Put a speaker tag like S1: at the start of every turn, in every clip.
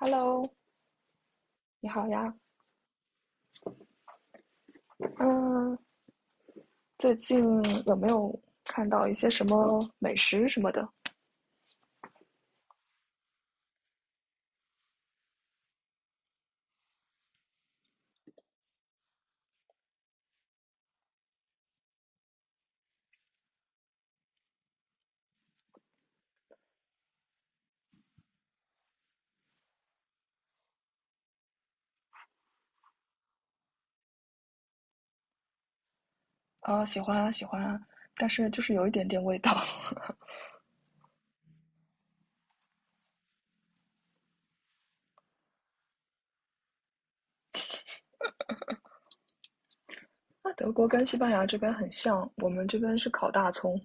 S1: Hello，你好呀。嗯，最近有没有看到一些什么美食什么的？啊，喜欢啊，喜欢啊，但是就是有一点点味道。那德国跟西班牙这边很像，我们这边是烤大葱，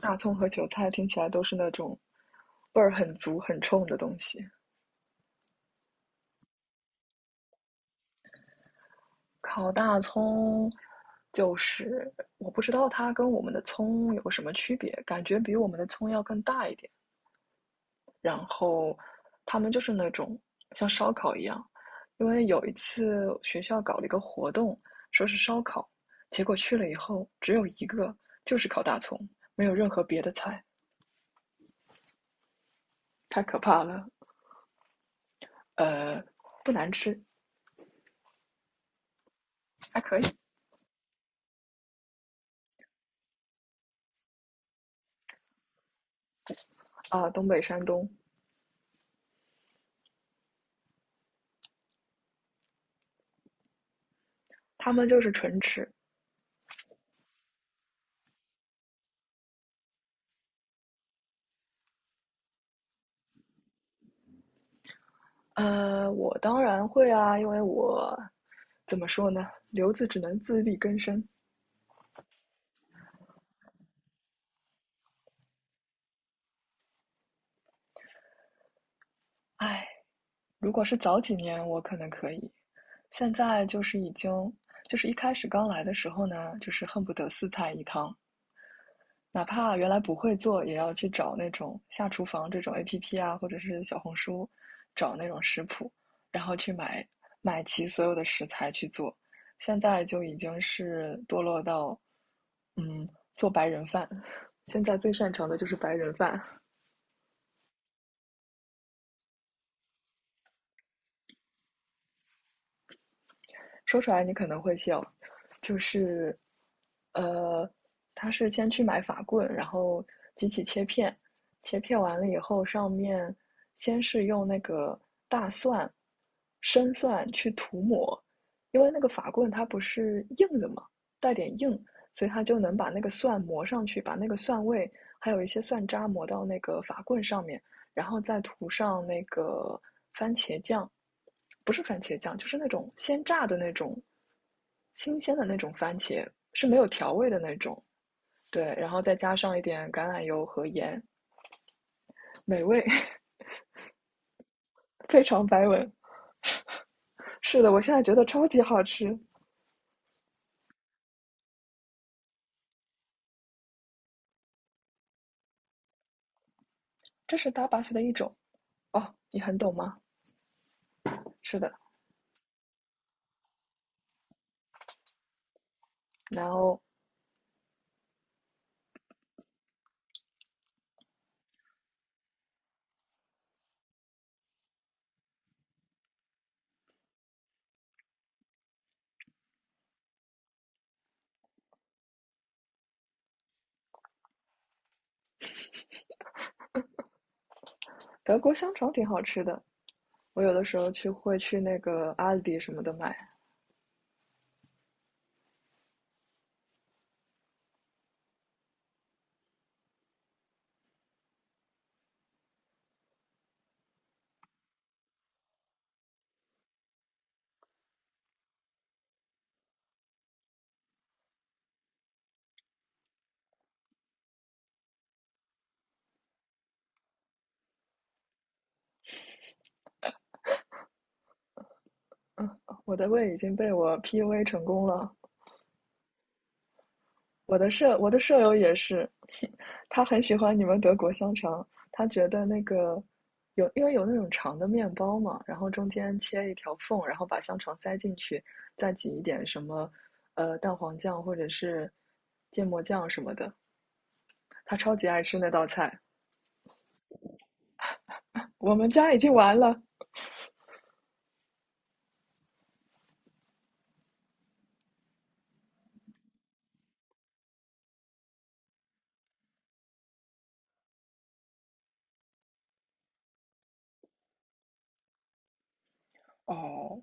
S1: 大葱和韭菜听起来都是那种味儿很足、很冲的东西。烤大葱就是我不知道它跟我们的葱有什么区别，感觉比我们的葱要更大一点。然后他们就是那种像烧烤一样，因为有一次学校搞了一个活动，说是烧烤，结果去了以后只有一个，就是烤大葱，没有任何别的菜，太可怕了。呃，不难吃，还可以啊。东北、山东，他们就是纯吃。我当然会啊，因为我怎么说呢，留子只能自力更生。哎，如果是早几年，我可能可以，现在就是已经，就是一开始刚来的时候呢，就是恨不得四菜一汤，哪怕原来不会做，也要去找那种下厨房这种 APP 啊，或者是小红书，找那种食谱，然后去买买齐所有的食材去做。现在就已经是堕落到，嗯，做白人饭。现在最擅长的就是白人饭。说出来你可能会笑，就是，呃，他是先去买法棍，然后机器切片，切片完了以后，上面先是用那个大蒜、生蒜去涂抹，因为那个法棍它不是硬的嘛，带点硬，所以它就能把那个蒜磨上去，把那个蒜味还有一些蒜渣磨到那个法棍上面。然后再涂上那个番茄酱，不是番茄酱，就是那种鲜榨的那种新鲜的那种番茄，是没有调味的那种。对，然后再加上一点橄榄油和盐，美味，非常白文。是的，我现在觉得超级好吃，这是搭巴西的一种哦，你很懂吗？是的，然后德国香肠挺好吃的，我有的时候去会去那个阿迪什么的买。我的胃已经被我 PUA 成功了，我的舍友也是，他很喜欢你们德国香肠，他觉得那个有，因为有那种长的面包嘛，然后中间切一条缝，然后把香肠塞进去，再挤一点什么蛋黄酱或者是芥末酱什么的，他超级爱吃那道菜。我们家已经完了。哦，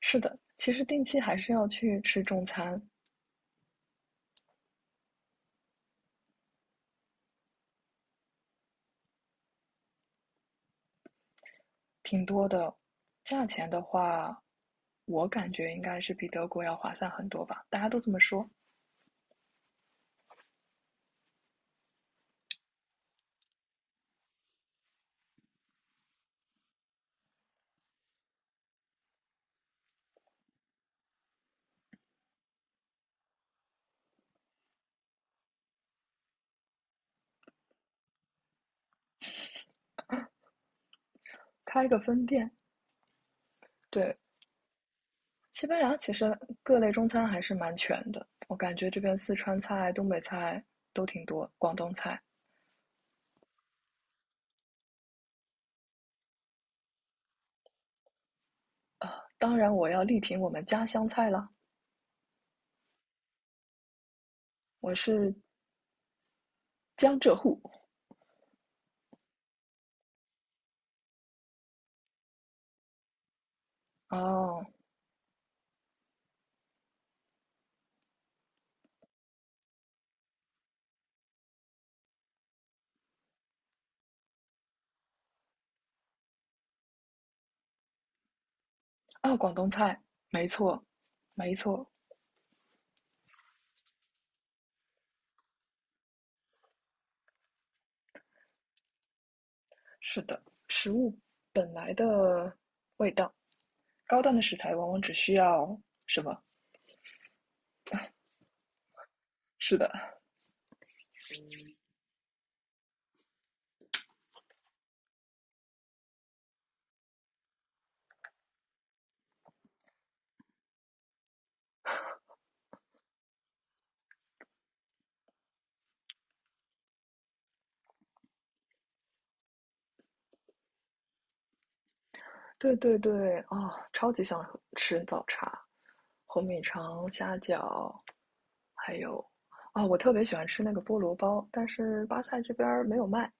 S1: 是的，其实定期还是要去吃中餐，挺多的。价钱的话，我感觉应该是比德国要划算很多吧，大家都这么说。开个分店，对，西班牙其实各类中餐还是蛮全的，我感觉这边四川菜、东北菜都挺多，广东菜。当然，我要力挺我们家乡菜啦，我是江浙沪。哦，啊，广东菜，没错，没错，是的，食物本来的味道，高档的食材往往只需要什么？是的，对对对，啊、超级想喝吃早茶。红米肠、虾饺，还有啊，哦我特别喜欢吃那个菠萝包，但是巴塞这边儿没有卖。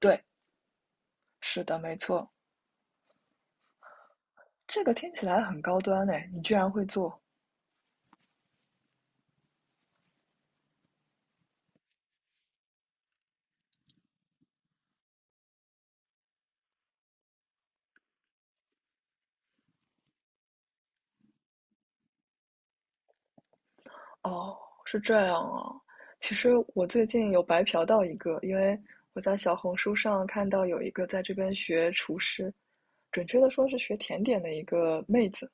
S1: 对，是的，没错，这个听起来很高端哎，你居然会做？哦，是这样啊。其实我最近有白嫖到一个，因为我在小红书上看到有一个在这边学厨师，准确的说是学甜点的一个妹子，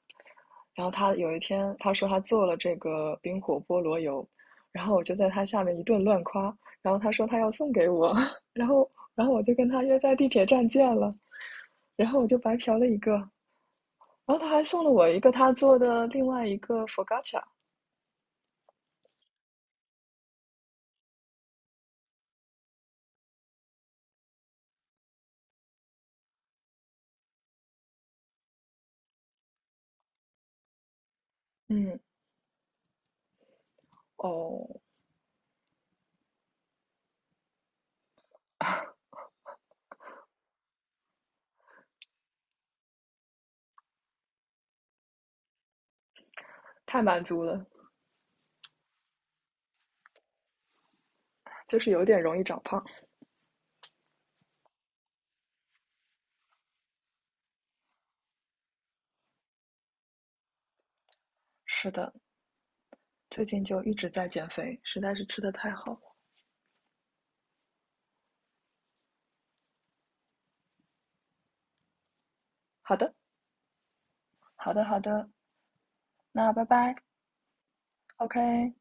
S1: 然后他有一天他说他做了这个冰火菠萝油，然后我就在他下面一顿乱夸，然后他说他要送给我，然后我就跟他约在地铁站见了，然后我就白嫖了一个，然后他还送了我一个他做的另外一个佛 o c 嗯，哦，太满足了，就是有点容易长胖。是的，最近就一直在减肥，实在是吃的太好了。好的，好的，好的，那拜拜，OK。